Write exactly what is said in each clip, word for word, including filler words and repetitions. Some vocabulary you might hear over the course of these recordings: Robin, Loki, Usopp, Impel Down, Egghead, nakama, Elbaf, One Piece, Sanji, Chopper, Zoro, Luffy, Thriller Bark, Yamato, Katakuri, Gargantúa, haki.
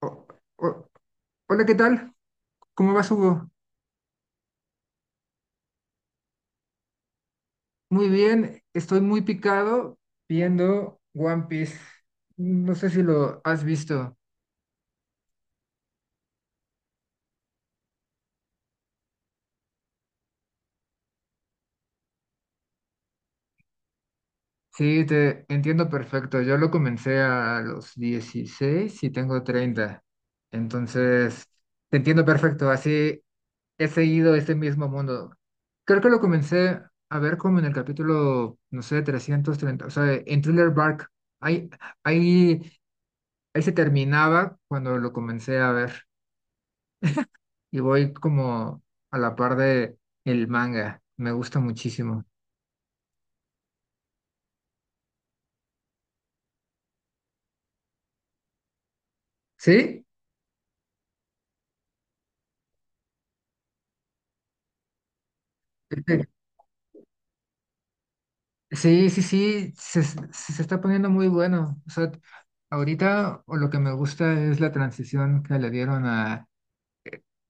O- o- Hola, ¿qué tal? ¿Cómo vas, Hugo? Muy bien, estoy muy picado viendo One Piece. No sé si lo has visto. Sí, te entiendo perfecto. Yo lo comencé a los dieciséis y tengo treinta. Entonces, te entiendo perfecto. Así he seguido este mismo mundo. Creo que lo comencé a ver como en el capítulo, no sé, trescientos treinta, o sea, en Thriller Bark. Hay, hay Él se terminaba cuando lo comencé a ver y voy como a la par de el manga. Me gusta muchísimo. ¿Sí? Este, sí, sí, sí, se, es- se está poniendo muy bueno. O sea, ahorita o lo que me gusta es la transición que le dieron a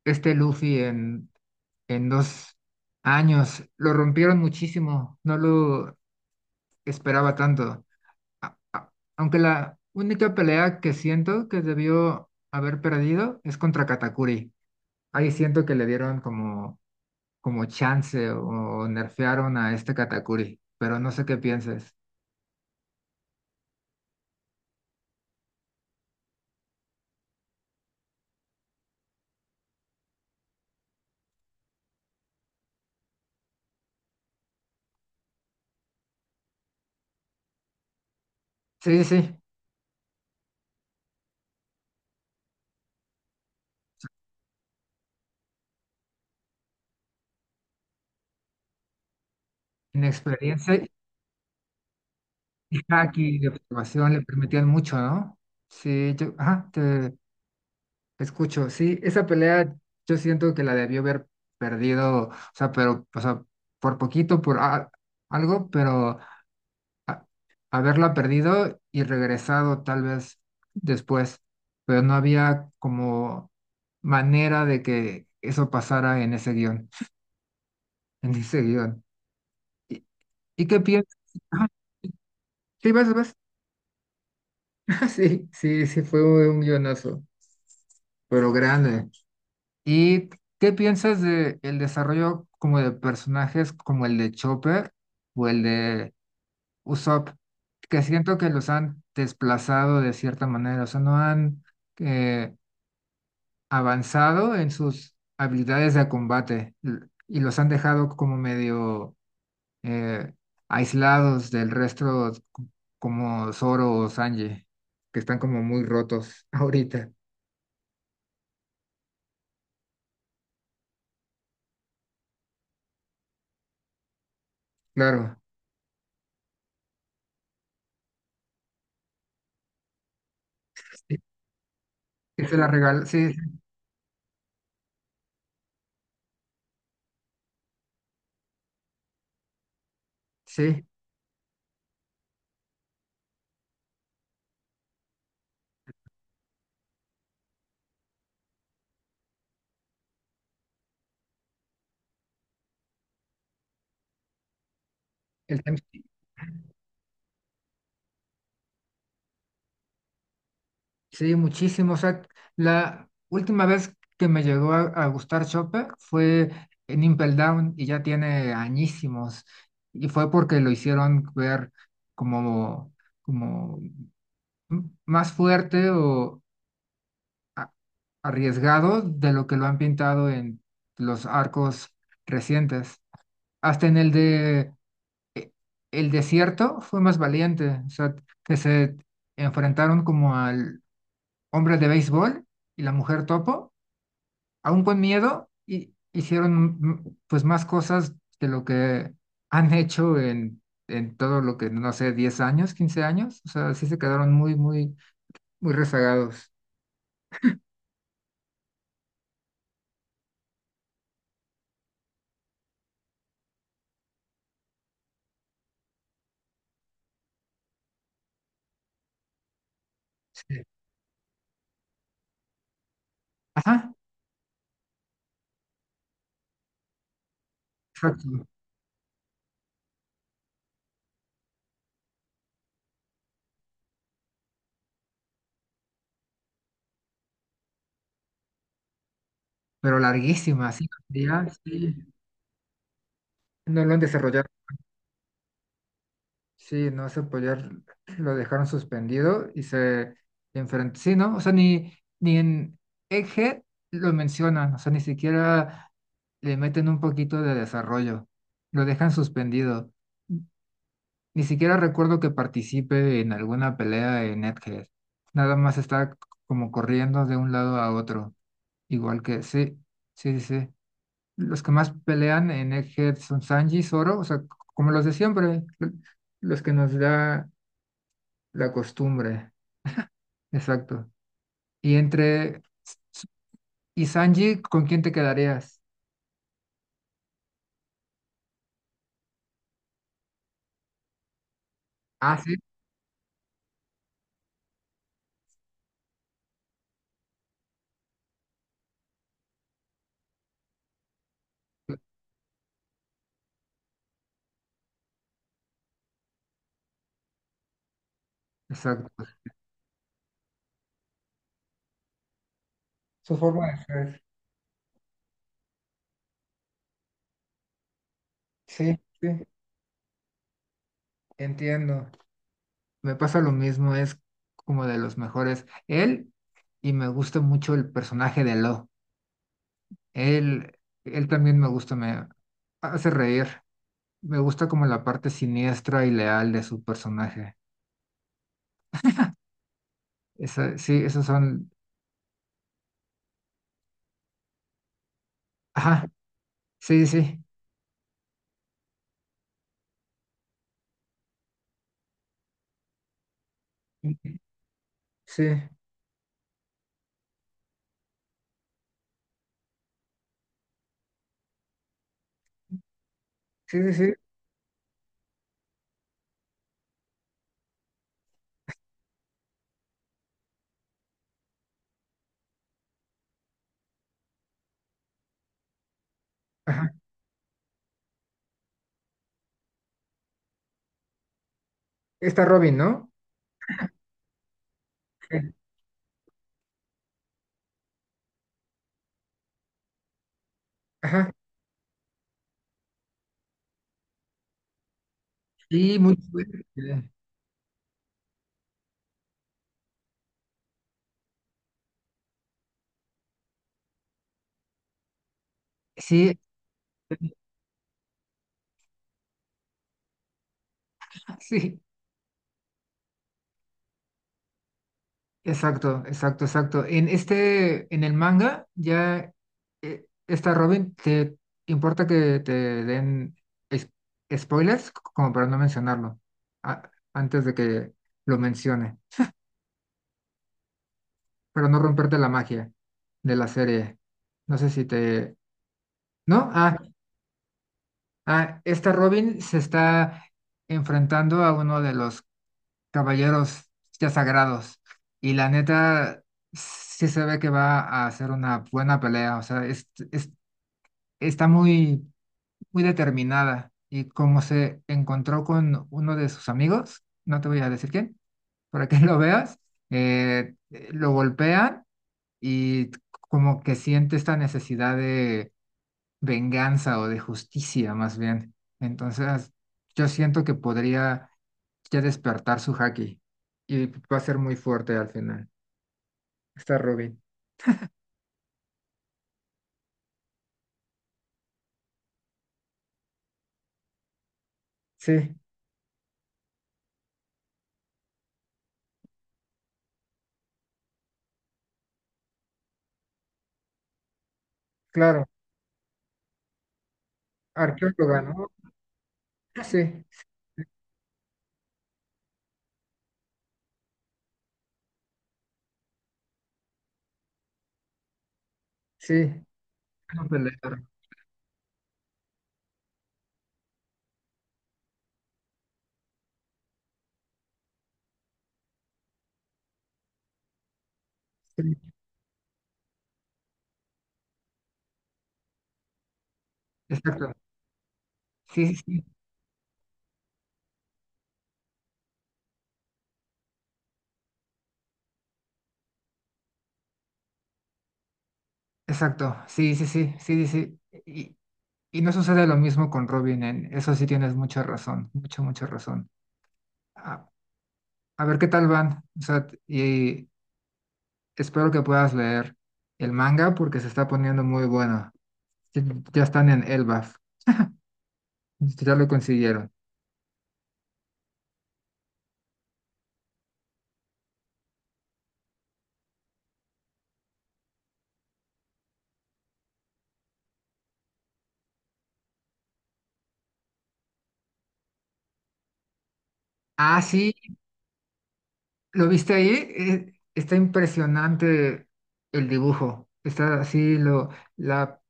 este Luffy en, en, dos años. Lo rompieron muchísimo, no lo esperaba tanto. A- a- aunque la única pelea que siento que debió haber perdido es contra Katakuri. Ahí siento que le dieron como, como chance o nerfearon a este Katakuri, pero no sé qué pienses. Sí, sí, sí, inexperiencia y haki de observación le permitían mucho, ¿no? Sí, yo, ajá, te escucho. Sí, esa pelea yo siento que la debió haber perdido, o sea, pero, o sea, por poquito, por a- algo, pero a- haberla perdido y regresado tal vez después, pero no había como manera de que eso pasara en ese guión, en ese guión. ¿Y, y qué piensas? Ajá, sí, vas, vas. Sí, sí, sí, fue un guionazo, pero grande. ¿Y qué piensas de el desarrollo como de personajes como el de Chopper o el de Usopp? Que siento que los han desplazado de cierta manera, o sea, no han eh, avanzado en sus habilidades de combate l- y los han dejado como medio eh, aislados del resto, c- como Zoro o Sanji, que están como muy rotos ahorita. Claro, sí, que se la regal- sí, sí, sí, el tem- sí, muchísimo. O sea, la última vez que me llegó a, a, gustar Chopper fue en Impel Down y ya tiene añísimos. Y fue porque lo hicieron ver como como m- más fuerte o a- arriesgado de lo que lo han pintado en los arcos recientes. Hasta en el de eh, El Desierto fue más valiente, o sea, que se enfrentaron como al hombre de béisbol y la mujer topo, aún con miedo, y hicieron mm, pues más cosas de lo que han hecho en, en, todo lo que, no sé, diez años, quince años, o sea, sí se quedaron muy, muy, muy rezagados. Sí. Ajá, exacto, pero larguísima, sí, ya, sí, no lo han desarrollado, sí, no se apoyar, lo dejaron suspendido y se enfrentó, sí, ¿no? O sea, ni, ni en Eje lo mencionan, o sea, ni siquiera le meten un poquito de desarrollo, lo dejan suspendido. Ni siquiera recuerdo que participe en alguna pelea en Egghead, nada más está c- como corriendo de un lado a otro, igual que, sí, sí, sí, sí. Los que más pelean en Egghead son Sanji, Zoro, o sea, c- como los de siempre, lo- los que nos da la costumbre, exacto. Y entre S- S- y Sanji, ¿con quién te quedarías? Ah, sí, exacto. Su forma de ser. Sí, sí, entiendo. Me pasa lo mismo, es como de los mejores. Él, y me gusta mucho el personaje de Lo. Él, él también me gusta, me hace reír. Me gusta como la parte siniestra y leal de su personaje. Esa, sí, esos son. Ajá, sí, sí. Sí, sí, sí, sí. Ajá. Está Robin, ¿no? Sí. Ajá. Sí, muy fuerte. Sí, sí. Exacto, exacto, exacto. En este, en el manga, ya eh, está Robin, ¿te importa que te den es- spoilers? Como para no mencionarlo, a- antes de que lo mencione. Pero no romperte la magia de la serie. No sé si te. ¿No? Ah, ah, esta Robin se está enfrentando a uno de los caballeros ya sagrados y la neta sí se ve que va a hacer una buena pelea, o sea, es- es- está muy, muy determinada y como se encontró con uno de sus amigos, no te voy a decir quién, para que lo veas, eh, lo golpean y como que siente esta necesidad de venganza o de justicia más bien. Entonces, yo siento que podría ya despertar su haki y va a ser muy fuerte al final. Está Robin. Sí, claro, arqueóloga, ¿no? Sí, sí, no pelear. Sí, exacto. Sí, sí, sí, exacto. Sí, sí, sí, sí, sí, sí. Y, y no sucede lo mismo con Robin, en eso sí tienes mucha razón, mucha, mucha razón. Ah, a ver qué tal van. O sea, y espero que puedas leer el manga porque se está poniendo muy bueno. Ya ya están en Elbaf. Ya lo consiguieron. Ah, sí, ¿lo viste ahí? Eh, Está impresionante el dibujo. Está así, lo, la,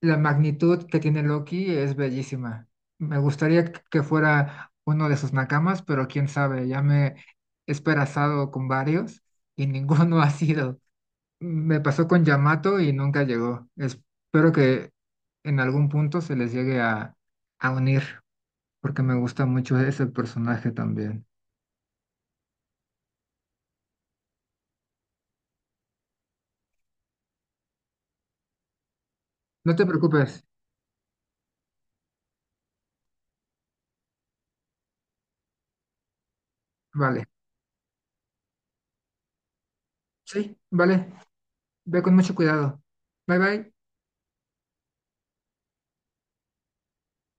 la magnitud que tiene Loki es bellísima. Me gustaría que que fuera uno de sus nakamas, pero quién sabe, ya me he esperanzado con varios y ninguno ha sido. Me pasó con Yamato y nunca llegó. Espero que en algún punto se les llegue a, a, unir, porque me gusta mucho ese personaje también. No te preocupes, vale. Sí, vale. Ve con mucho cuidado. Bye bye.